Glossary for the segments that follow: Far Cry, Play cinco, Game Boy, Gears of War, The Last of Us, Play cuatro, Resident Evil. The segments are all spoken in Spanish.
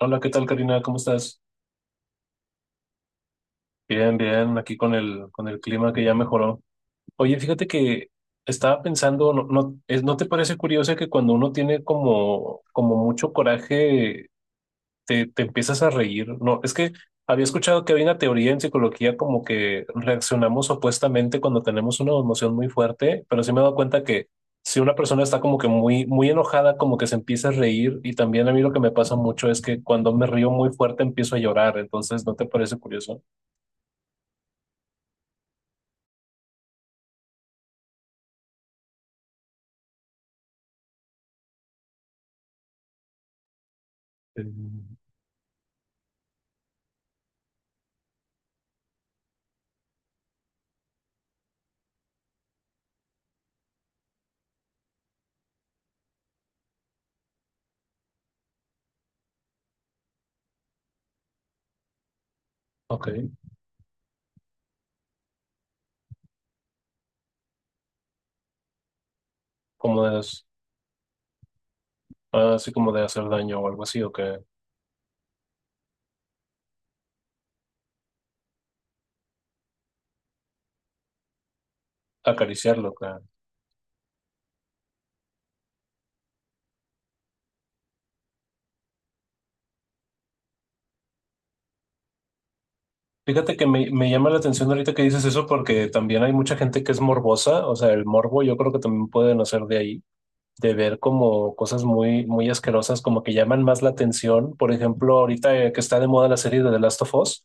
Hola, ¿qué tal, Karina? ¿Cómo estás? Bien, bien, aquí con el clima que ya mejoró. Oye, fíjate que estaba pensando, ¿no te parece curioso que cuando uno tiene como mucho coraje te empiezas a reír? No, es que había escuchado que había una teoría en psicología como que reaccionamos opuestamente cuando tenemos una emoción muy fuerte, pero sí me he dado cuenta que si una persona está como que muy, muy enojada, como que se empieza a reír, y también a mí lo que me pasa mucho es que cuando me río muy fuerte empiezo a llorar, entonces ¿no te parece curioso? Eh, Ok, como de, así como de hacer daño o algo así, o que acariciarlo, que. Fíjate que me llama la atención ahorita que dices eso porque también hay mucha gente que es morbosa, o sea, el morbo yo creo que también puede nacer de ahí, de ver como cosas muy, muy asquerosas, como que llaman más la atención. Por ejemplo, ahorita que está de moda la serie de The Last of Us,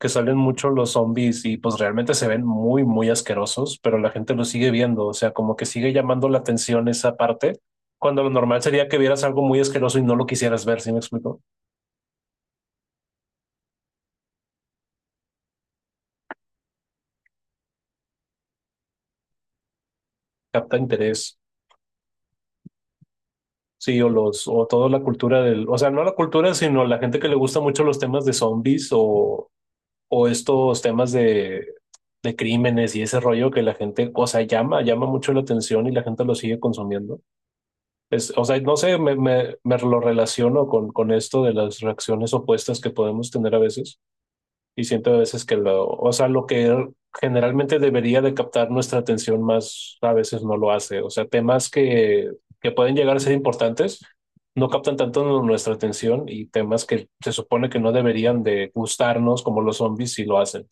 que salen mucho los zombies y pues realmente se ven muy, muy asquerosos, pero la gente lo sigue viendo, o sea, como que sigue llamando la atención esa parte, cuando lo normal sería que vieras algo muy asqueroso y no lo quisieras ver, ¿sí me explico? Capta interés. Sí, o toda la cultura del, o sea, no la cultura, sino la gente que le gusta mucho los temas de zombies o estos temas de crímenes y ese rollo que la gente, o sea, llama mucho la atención y la gente lo sigue consumiendo. O sea, no sé, me lo relaciono con esto de las reacciones opuestas que podemos tener a veces y siento a veces que lo, o sea, lo que generalmente debería de captar nuestra atención más a veces no lo hace. O sea, temas que pueden llegar a ser importantes no captan tanto nuestra atención y temas que se supone que no deberían de gustarnos como los zombies sí lo hacen.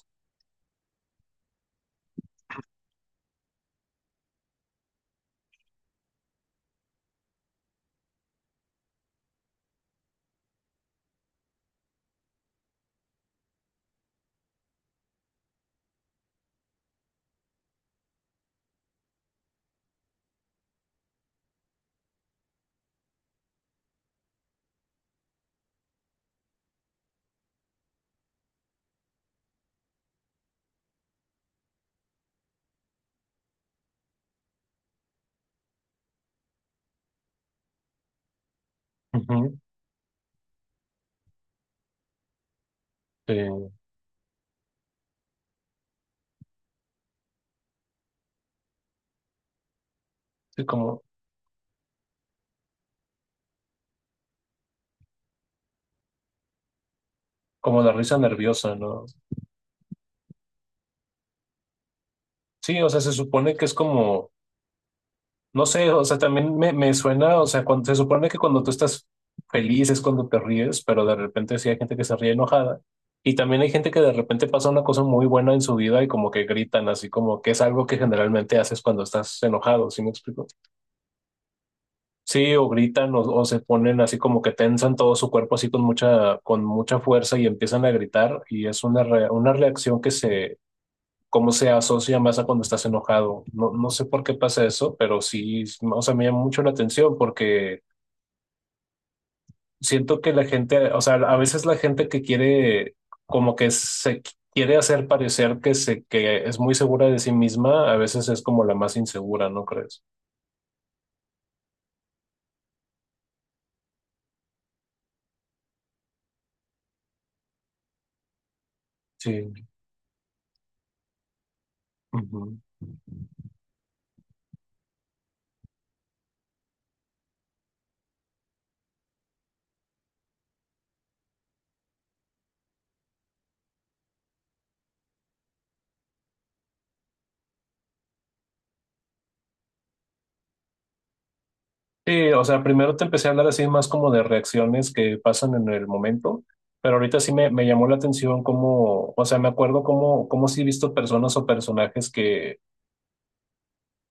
Ujú. Sí, sí, como la risa nerviosa, ¿no? Sí, o sea, se supone que es como. No sé, o sea, también me suena, o sea, cuando, se supone que cuando tú estás feliz es cuando te ríes, pero de repente sí hay gente que se ríe enojada. Y también hay gente que de repente pasa una cosa muy buena en su vida y como que gritan, así como que es algo que generalmente haces cuando estás enojado, ¿sí me explico? Sí, o gritan o, se ponen así como que tensan todo su cuerpo así con mucha fuerza y empiezan a gritar y es una reacción que se cómo se asocia más a cuando estás enojado. No, no sé por qué pasa eso, pero sí, o sea, me llama mucho la atención porque siento que la gente, o sea, a veces la gente que quiere, como que se quiere hacer parecer que, que es muy segura de sí misma, a veces es como la más insegura, ¿no crees? Sí. Ujú. Sí, o sea, primero te empecé a hablar así más como de reacciones que pasan en el momento. Pero ahorita sí me llamó la atención cómo, o sea, me acuerdo cómo sí he visto personas o personajes que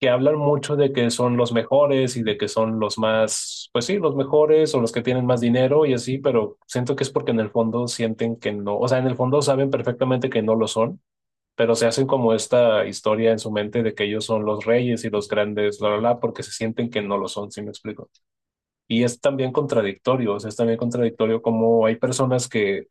que hablan mucho de que son los mejores y de que son los más, pues sí, los mejores o los que tienen más dinero y así, pero siento que es porque en el fondo sienten que no, o sea, en el fondo saben perfectamente que no lo son, pero se hacen como esta historia en su mente de que ellos son los reyes y los grandes, la, porque se sienten que no lo son, ¿sí me explico? Y es también contradictorio, o sea, es también contradictorio como hay personas que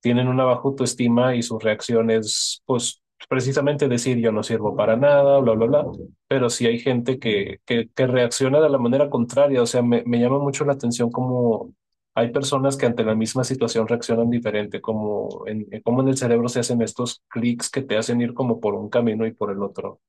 tienen una baja autoestima y su reacción es, pues, precisamente decir yo no sirvo para nada, bla, bla, bla. Pero sí hay gente que reacciona de la manera contraria. O sea, me llama mucho la atención cómo hay personas que ante la misma situación reaccionan diferente, como cómo en el cerebro se hacen estos clics que te hacen ir como por un camino y por el otro.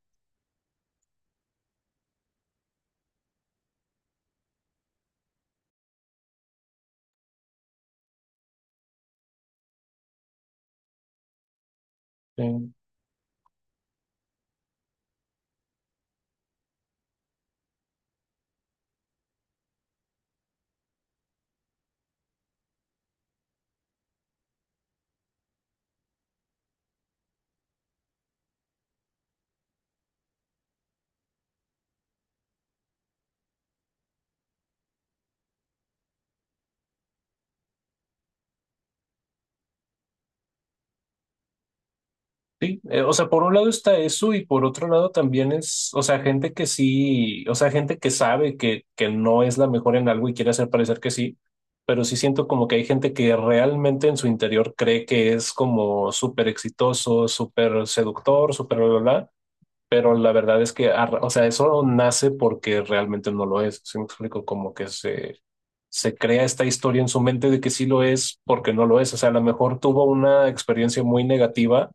Sí. Sí, o sea, por un lado está eso y por otro lado también es, o sea, gente que sí, o sea, gente que sabe que no es la mejor en algo y quiere hacer parecer que sí, pero sí siento como que hay gente que realmente en su interior cree que es como súper exitoso, súper seductor, súper bla, bla, bla, pero la verdad es que, o sea, eso nace porque realmente no lo es, ¿sí me explico? Como que se crea esta historia en su mente de que sí lo es porque no lo es, o sea, a lo mejor tuvo una experiencia muy negativa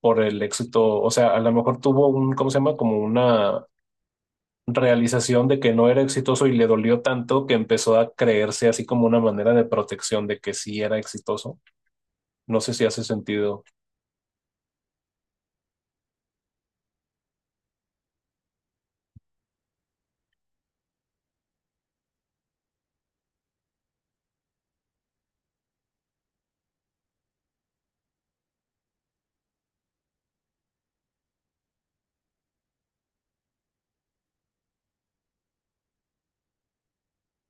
por el éxito, o sea, a lo mejor tuvo un, ¿cómo se llama? Como una realización de que no era exitoso y le dolió tanto que empezó a creerse así como una manera de protección de que sí era exitoso. No sé si hace sentido.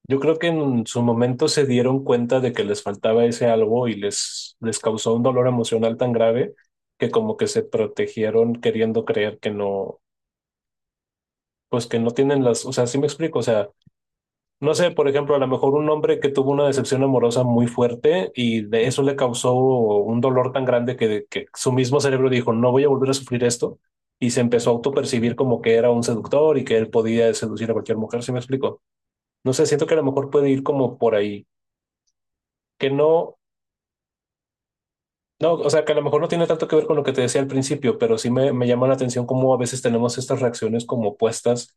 Yo creo que en su momento se dieron cuenta de que les faltaba ese algo y les causó un dolor emocional tan grave que como que se protegieron queriendo creer que no, pues que no tienen las, o sea, sí me explico, o sea. No sé, por ejemplo, a lo mejor un hombre que tuvo una decepción amorosa muy fuerte y de eso le causó un dolor tan grande que su mismo cerebro dijo, no voy a volver a sufrir esto, y se empezó a autopercibir como que era un seductor y que él podía seducir a cualquier mujer, ¿sí me explico? No sé, siento que a lo mejor puede ir como por ahí, que no, o sea, que a lo mejor no tiene tanto que ver con lo que te decía al principio, pero sí me llama la atención cómo a veces tenemos estas reacciones como opuestas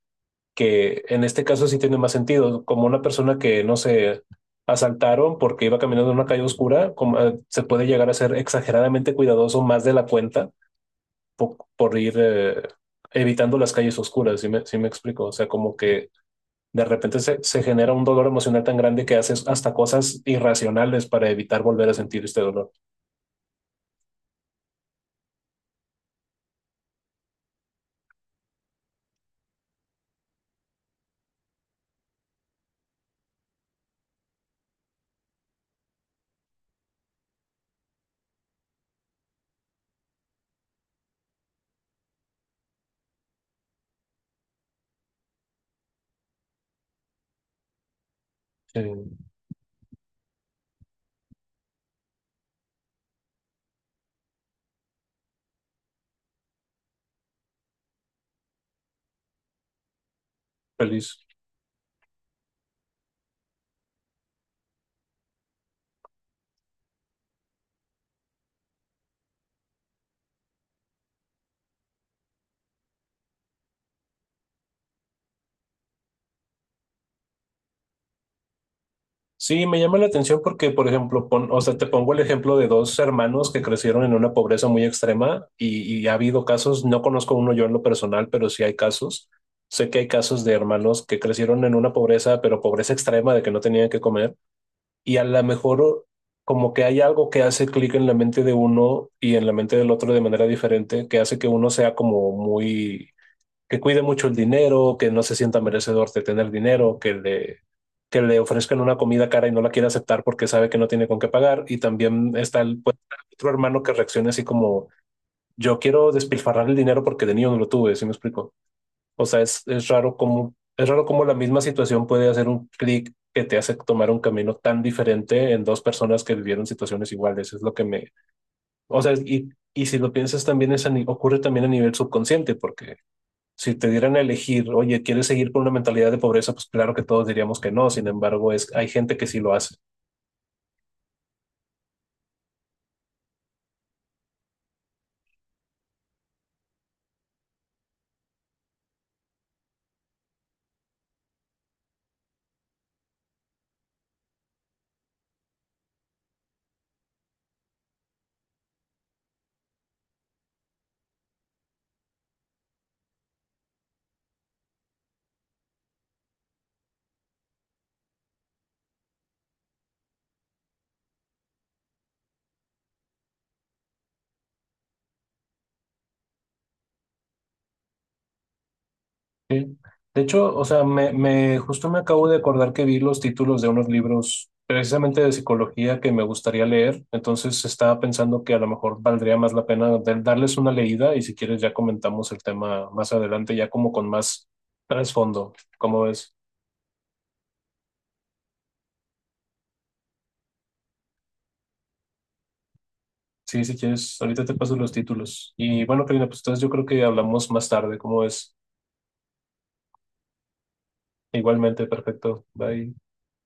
que en este caso sí tiene más sentido, como una persona que, no sé, asaltaron porque iba caminando en una calle oscura, como, se puede llegar a ser exageradamente cuidadoso más de la cuenta por ir evitando las calles oscuras, sí me explico? O sea, como que de repente se genera un dolor emocional tan grande que haces hasta cosas irracionales para evitar volver a sentir este dolor. Eh, Feliz. Sí, me llama la atención porque, por ejemplo, o sea, te pongo el ejemplo de dos hermanos que crecieron en una pobreza muy extrema y ha habido casos, no conozco uno yo en lo personal, pero sí hay casos. Sé que hay casos de hermanos que crecieron en una pobreza, pero pobreza extrema de que no tenían que comer y a lo mejor como que hay algo que hace clic en la mente de uno y en la mente del otro de manera diferente, que hace que uno sea como muy que cuide mucho el dinero, que no se sienta merecedor de tener dinero, que le ofrezcan una comida cara y no la quiere aceptar porque sabe que no tiene con qué pagar. Y también está el, pues, otro hermano que reaccione así como, yo quiero despilfarrar el dinero porque de niño no lo tuve, ¿sí me explico? O sea, es raro cómo es raro cómo la misma situación puede hacer un clic que te hace tomar un camino tan diferente en dos personas que vivieron situaciones iguales. Es lo que me. O sea, y si lo piensas también ocurre también a nivel subconsciente, porque si te dieran a elegir, oye, ¿quieres seguir con una mentalidad de pobreza? Pues claro que todos diríamos que no, sin embargo, hay gente que sí lo hace. ¿Sí? De hecho, o sea, justo me acabo de acordar que vi los títulos de unos libros precisamente de psicología que me gustaría leer, entonces estaba pensando que a lo mejor valdría más la pena darles una leída y si quieres ya comentamos el tema más adelante, ya como con más trasfondo, ¿cómo ves? Sí, si quieres, ahorita te paso los títulos. Y bueno, Karina, pues entonces yo creo que hablamos más tarde, ¿cómo ves? Igualmente, perfecto. Bye.